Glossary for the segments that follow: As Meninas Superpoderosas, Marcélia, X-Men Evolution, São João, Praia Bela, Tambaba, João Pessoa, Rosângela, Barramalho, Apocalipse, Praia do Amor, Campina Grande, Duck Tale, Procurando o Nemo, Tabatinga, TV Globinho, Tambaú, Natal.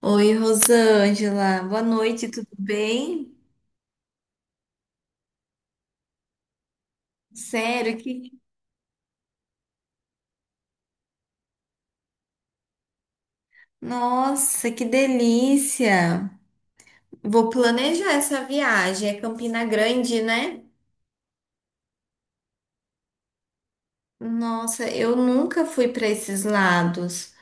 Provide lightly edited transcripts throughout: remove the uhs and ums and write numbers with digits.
Oi, Rosângela. Boa noite, tudo bem? Sério, que... Nossa, que delícia! Vou planejar essa viagem. É Campina Grande, né? Nossa, eu nunca fui para esses lados.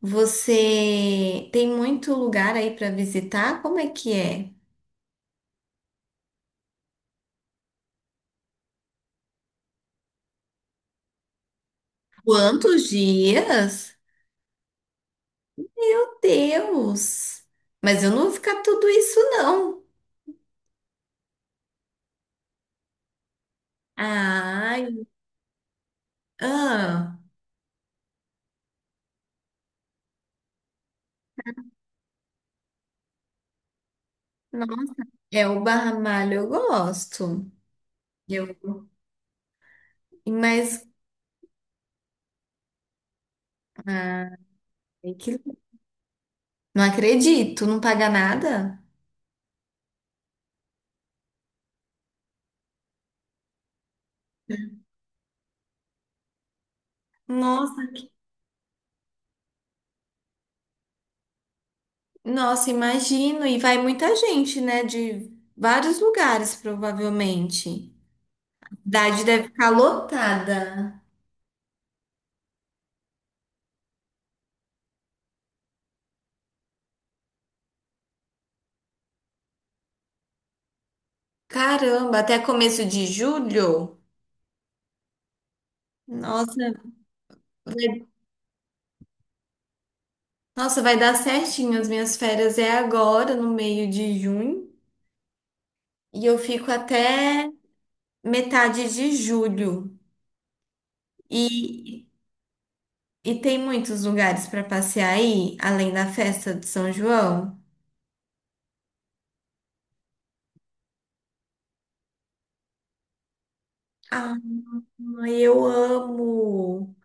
Você tem muito lugar aí para visitar? Como é que é? Quantos dias? Meu Deus! Mas eu não vou ficar tudo isso, não. Ai, ah, é, o Barramalho eu gosto. Eu, mas, ai, que- não acredito, não paga nada? Nossa, nossa, imagino. E vai muita gente, né? De vários lugares, provavelmente. A cidade deve ficar lotada. Caramba, até começo de julho? Nossa, vai, nossa, vai dar certinho. As minhas férias é agora, no meio de junho. E eu fico até metade de julho. E E tem muitos lugares para passear aí, além da festa de São João? Ah, eu amo!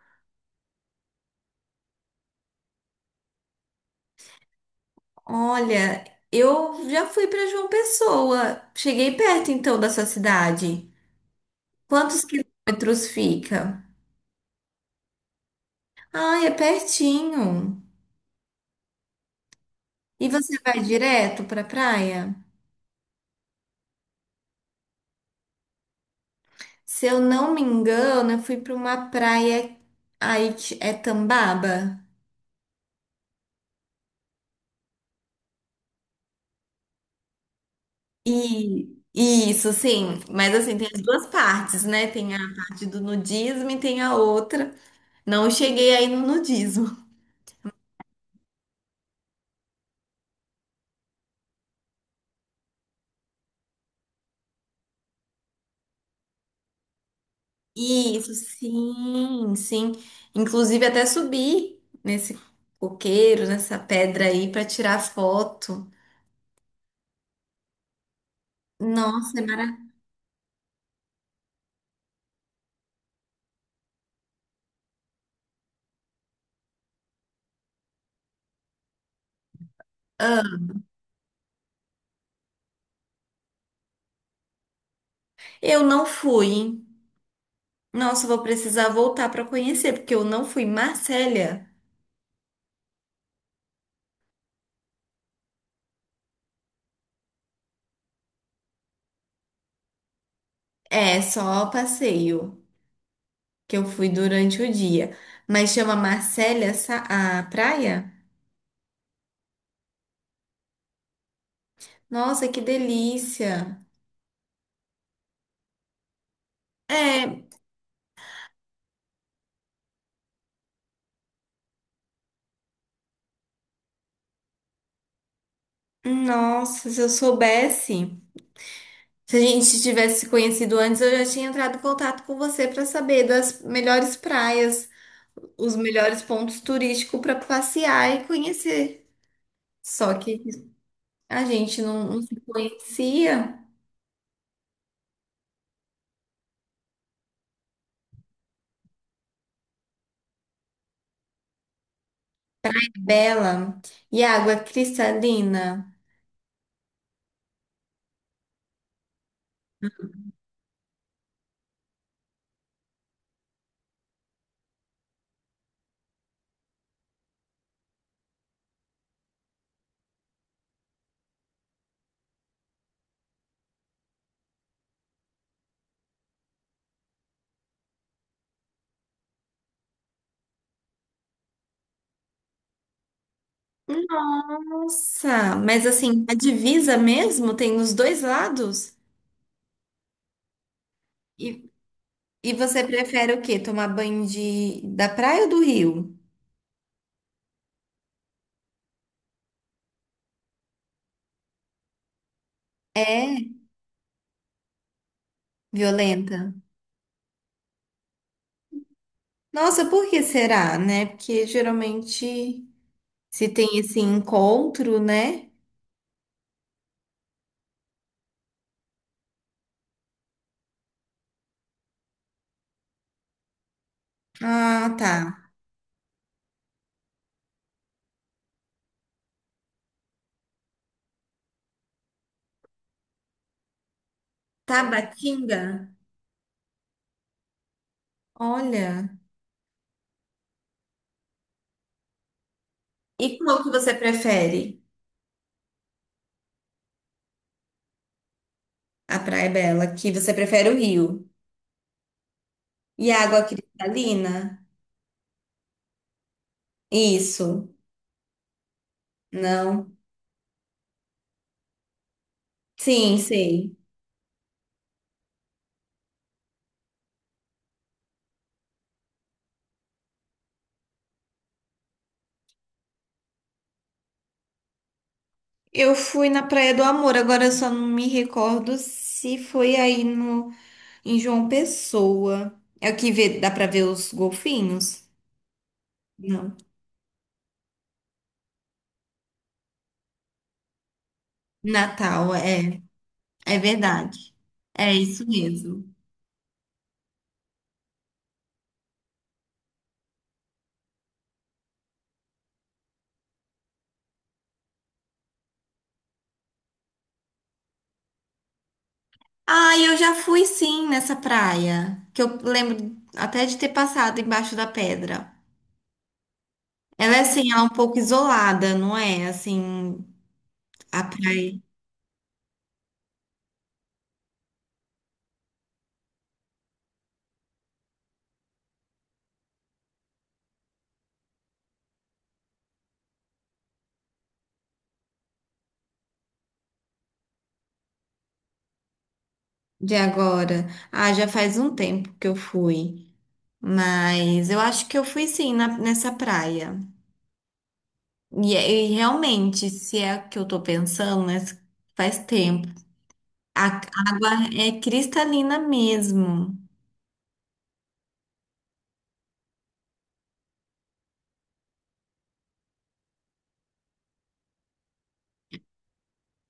Olha, eu já fui para João Pessoa. Cheguei perto então da sua cidade. Quantos quilômetros fica? Ah, é pertinho. E você vai direto para praia? Se eu não me engano, eu fui para uma praia aí que é Tambaba. E isso, sim. Mas assim, tem as duas partes, né? Tem a parte do nudismo e tem a outra. Não cheguei aí no nudismo. Isso, sim, sim. Inclusive até subi nesse coqueiro, nessa pedra aí para tirar foto. Nossa, é maravilhoso. Eu não fui, hein? Nossa, eu vou precisar voltar para conhecer, porque eu não fui. Marcélia, é só passeio. Que eu fui durante o dia. Mas chama Marcélia Sa-, a praia? Nossa, que delícia! É, nossa, se eu soubesse. Se a gente tivesse se conhecido antes, eu já tinha entrado em contato com você para saber das melhores praias, os melhores pontos turísticos para passear e conhecer. Só que a gente não se conhecia. Bela. E água cristalina. Nossa, mas assim, a divisa mesmo tem nos dois lados? E, e você prefere o quê? Tomar banho de, da praia ou do rio? É violenta? Nossa, por que será, né? Porque geralmente se tem esse encontro, né? Ah, tá. Tabatinga? Olha. E qual que você prefere? A Praia Bela, que você prefere o rio. E a água cristalina? Isso. Não. Sim, sei. Eu fui na Praia do Amor, agora eu só não me recordo se foi aí no. Em João Pessoa. É o que vê, dá pra ver os golfinhos? Não. Natal, é. É verdade. É isso mesmo. Ah, eu já fui sim nessa praia. Que eu lembro até de ter passado embaixo da pedra. Ela é assim, ela é um pouco isolada, não é? Assim, a praia de agora. Ah, já faz um tempo que eu fui. Mas eu acho que eu fui sim na- nessa praia. E, é- e realmente, se é o que eu tô pensando, né? Faz tempo. A água é cristalina mesmo.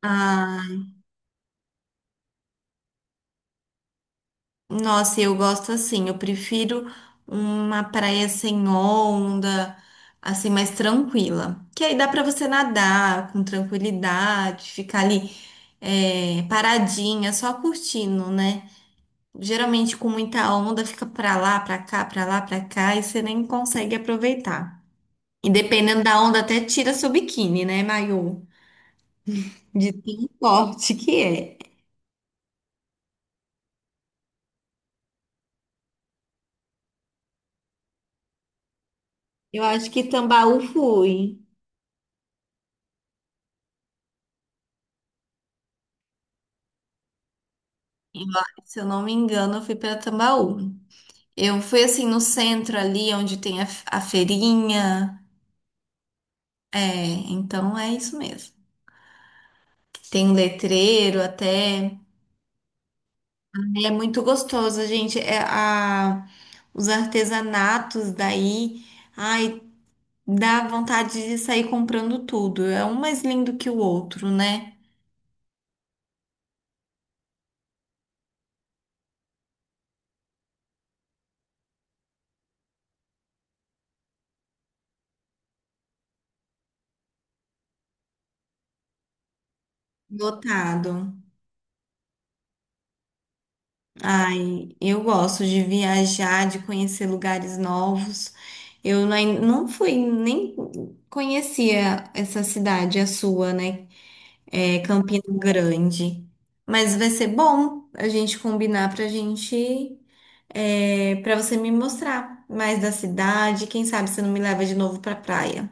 Ah, nossa, eu gosto assim. Eu prefiro uma praia sem onda, assim, mais tranquila. Que aí dá pra você nadar com tranquilidade, ficar ali paradinha, só curtindo, né? Geralmente com muita onda, fica pra lá, pra cá, pra lá, pra cá, e você nem consegue aproveitar. E dependendo da onda, até tira seu biquíni, né, maiô? De tão forte que é. Eu acho que Tambaú fui. Eu- Se eu não me engano, eu fui para Tambaú. Eu fui assim no centro ali, onde tem a, f- a feirinha. É, então é isso mesmo. Tem um letreiro até. É muito gostoso, gente. É a, os artesanatos daí. Ai, dá vontade de sair comprando tudo. É um mais lindo que o outro, né? Lotado. Ai, eu gosto de viajar, de conhecer lugares novos. Eu nem- não fui, nem conhecia essa cidade, a sua, né? É Campina Grande. Mas vai ser bom a gente combinar pra gente, para você me mostrar mais da cidade. Quem sabe você não me leva de novo pra praia.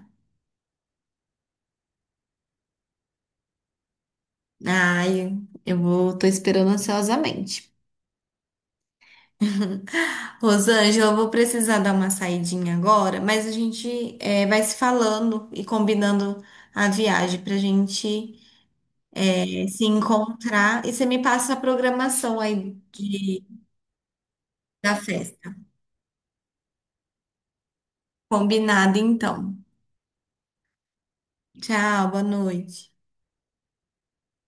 Ai, eu vou, tô esperando ansiosamente. Rosângela, eu vou precisar dar uma saidinha agora, mas a gente vai se falando e combinando a viagem para a gente se encontrar. E você me passa a programação aí de, da festa. Combinado, então. Tchau, boa noite.